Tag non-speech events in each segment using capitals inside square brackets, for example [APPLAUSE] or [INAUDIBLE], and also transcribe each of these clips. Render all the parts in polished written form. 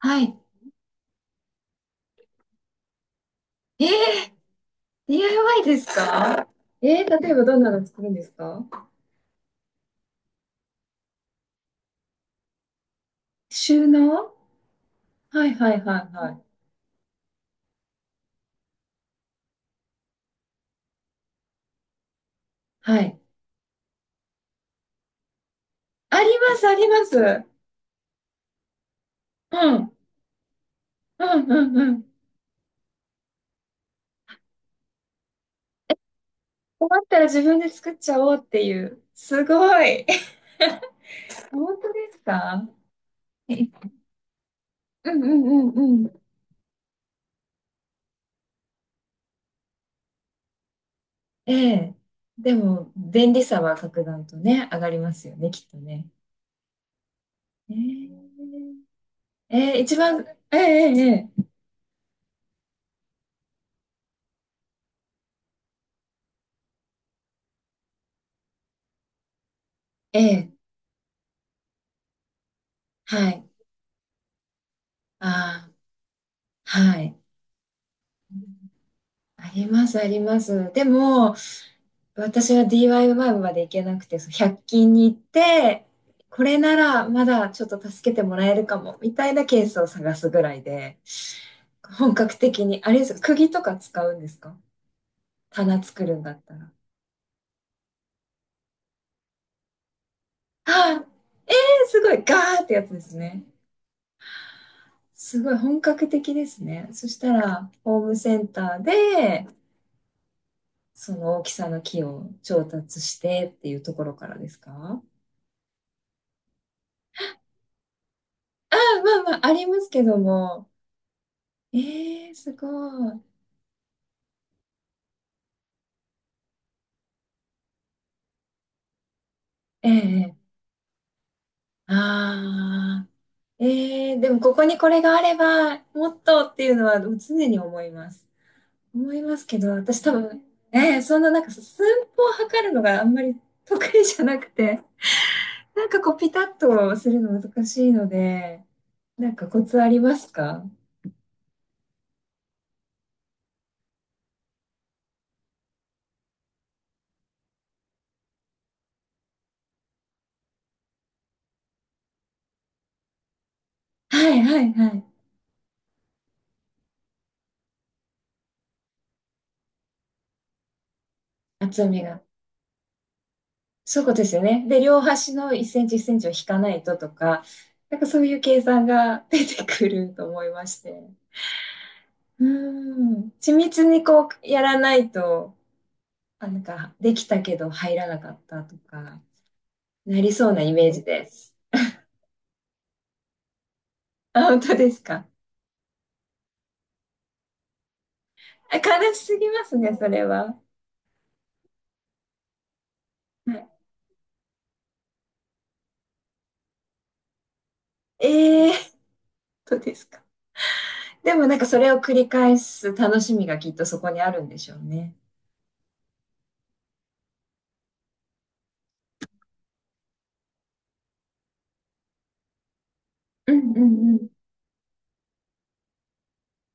はい。えー、DIY ですか？ [LAUGHS] 例えばどんなの作るんですか？収納、はいはいはいはい。はい。あります、あります。うん。うんうんうん。困ったら自分で作っちゃおうっていう。すごい。[LAUGHS] 本当ですか？え、うんうんうんうん。ええ。でも、便利さは格段とね、上がりますよね、きっとね。ええええ、一番、ええええええええ、はい。ああ、はい。あります、あります。でも、私は DIY まで行けなくて、そう100均に行って、これならまだちょっと助けてもらえるかも、みたいなケースを探すぐらいで、本格的に、あれですか、釘とか使うんですか？棚作るんだったら。ああ、えー、すごい、ガーってやつですね。すごい本格的ですね。そしたら、ホームセンターで、その大きさの木を調達してっていうところからですか？ああ、まあまあ、ありますけども。ええ、すごい。ええ、ああ、ええ、でもここにこれがあれば、もっとっていうのは常に思います。思いますけど、私多分、ええ、そんななんか寸法を測るのがあんまり得意じゃなくて、なんかこうピタッとするの難しいので、なんかコツありますか？はいはいはい。厚みが。そういうことですよね。で、両端の1センチ1センチを引かないととか、なんかそういう計算が出てくると思いまして。うん。緻密にこうやらないと、あ、なんかできたけど入らなかったとか、なりそうなイメージです。あ、本当ですか？あ、悲しすぎますね、それは。はい、ええー、本当ですか？でもなんかそれを繰り返す楽しみがきっとそこにあるんでしょうね。うんうん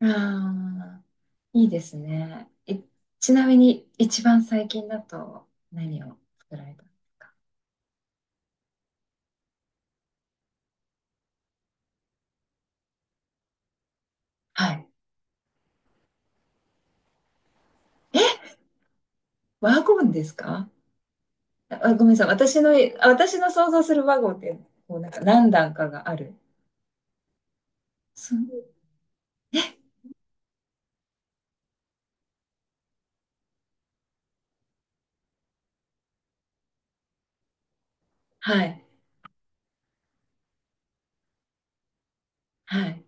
うん。ああ。いいですね。え、ちなみに、一番最近だと何を作られたんですか？はい。え、ワゴンですか？あ、ごめんなさい。私の、あ、私の想像するワゴンって、こう、なんか何段かがある。そう、え、はい、はい、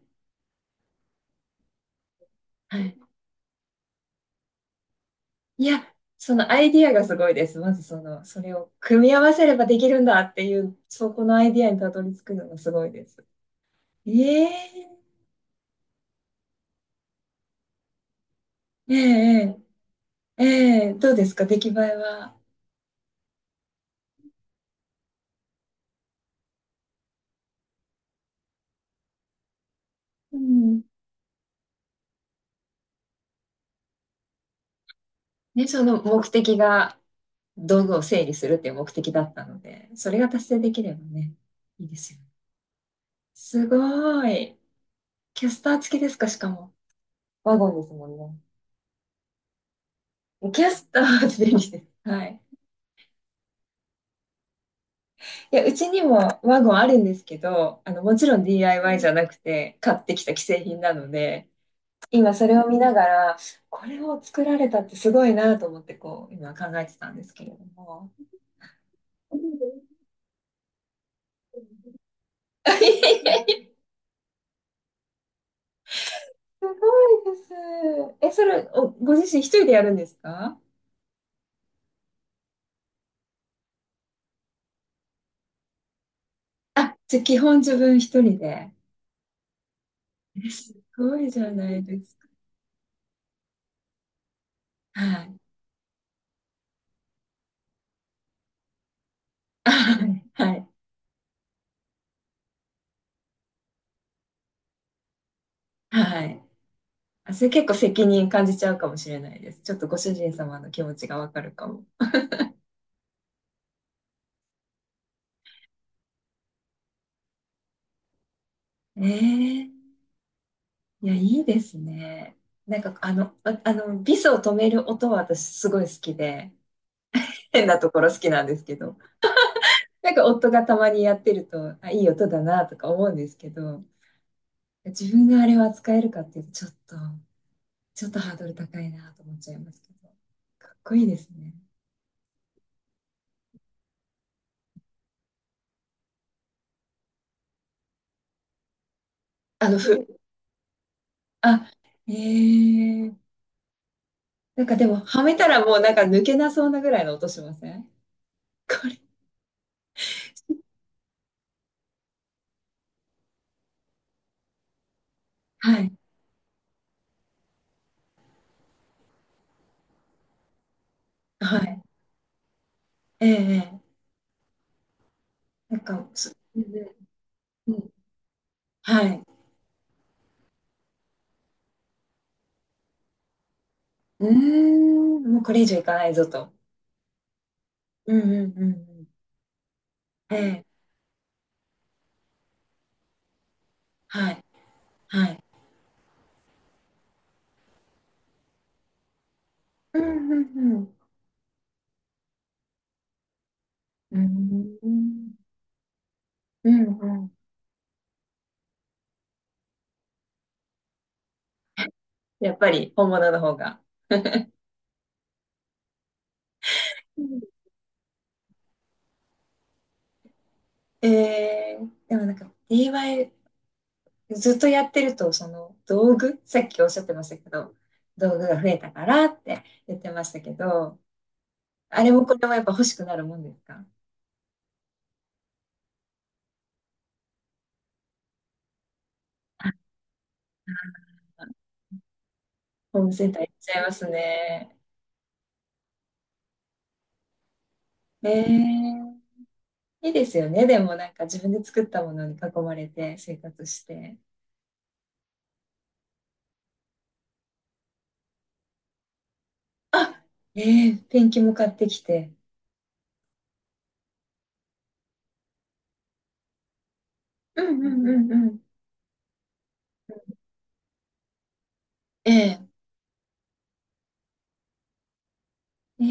はい。いや、そのアイディアがすごいです。まずその、それを組み合わせればできるんだっていう、そこのアイディアにたどり着くのがすごいです。ええええええええ、どうですか出来栄えは？うん、ね、その目的が道具を整理するっていう目的だったので、それが達成できればね、いいですよね。すごい。キャスター付きですか、しかも。ワゴンですもんね。キャスター付き便利です。はい。いや、うちにもワゴンあるんですけど、あの、もちろん DIY じゃなくて、買ってきた既製品なので、今それを見ながら、これを作られたってすごいなと思って、こう、今考えてたんですけれども。[LAUGHS] いやいや、すごいです。え、それ、ご自身一人でやるんですか？あ、じゃあ基本自分一人で。え、すごいじゃないですか。はい。あ、はい。はい。あ、それ結構責任感じちゃうかもしれないです。ちょっとご主人様の気持ちがわかるかも。ええ、いや、いいですね。なんか、ビスを止める音は私すごい好きで、変なところ好きなんですけど、なんか夫がたまにやってると、あ、いい音だなとか思うんですけど、自分があれを扱えるかっていうと、ちょっとハードル高いなと思っちゃいますけど。かっこいいですね。あの、ふ、あ、ええ、なんかでも、はめたらもうなんか抜けなそうなぐらいの音しません？これ。はい。はい。ええええ、なんか、そうん、はい。うーん、もうこれ以上いかないぞと。うんうんうんうん。ええ、はい。はい。うんうんうん。うん。うんうん。やっぱり本物の方が。でもなんか d i ずっとやってるとその道具、さっきおっしゃってましたけど、道具が増えたからって言ってましたけど、あれもこれもやっぱ欲しくなるもんですか？あ、ホームセンター行っちゃいますね。えー、いいですよね？でもなんか自分で作ったものに囲まれて生活してあえペンキも買ってきて。うんうんうんうん。ええ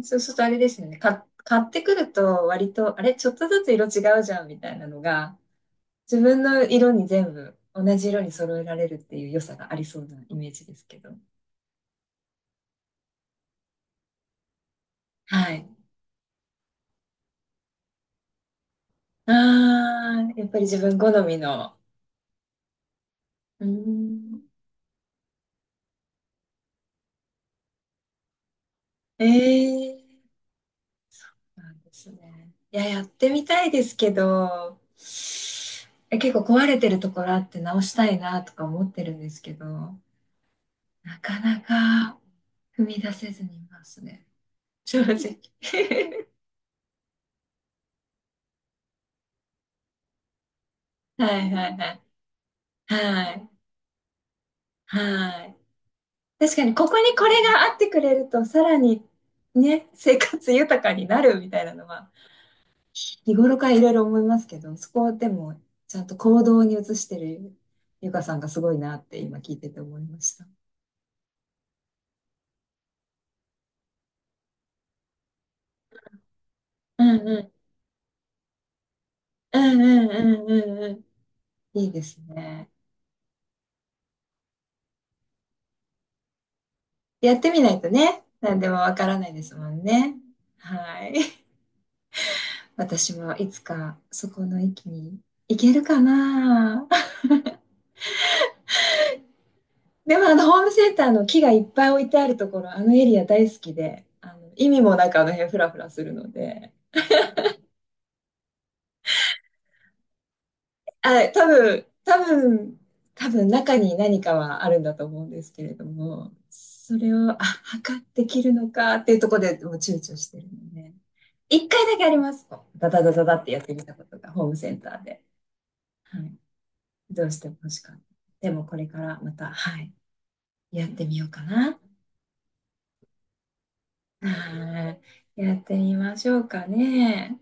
え、そうするとあれですよね。買ってくると割と、あれ、ちょっとずつ色違うじゃんみたいなのが、自分の色に全部同じ色に揃えられるっていう良さがありそうなイメージですけど。はい。ああ、やっぱり自分好みの。うーん。ええ、なんですね。いや、やってみたいですけど、結構壊れてるところあって直したいなとか思ってるんですけど、なかなか踏み出せずにいますね。正直。[LAUGHS] はいはいはい。はい。はい。確かに、ここにこれがあってくれると、さらにね、生活豊かになるみたいなのは、日頃からいろいろ思いますけど、そこでも、ちゃんと行動に移してるゆかさんがすごいなって今聞いてて思いました。うんうん。うんうんうんうんうん。いいですね。やってみないとね、何でもわからないですもんね。はい。私はいつかそこの域に行けるかな。[LAUGHS] でもあのホームセンターの木がいっぱい置いてあるところ、あのエリア大好きで、あの意味もなくあの辺フラフラするので、あ、多分、多分、多分中に何かはあるんだと思うんですけれども、それを、あ、測って切るのかっていうところでもう躊躇してるので、一回だけありますと。ダダダダダってやってみたことがホームセンターで、はい、どうしても欲しかった。でもこれからまた、はい、やってみようかな。はい。やってみましょうかね。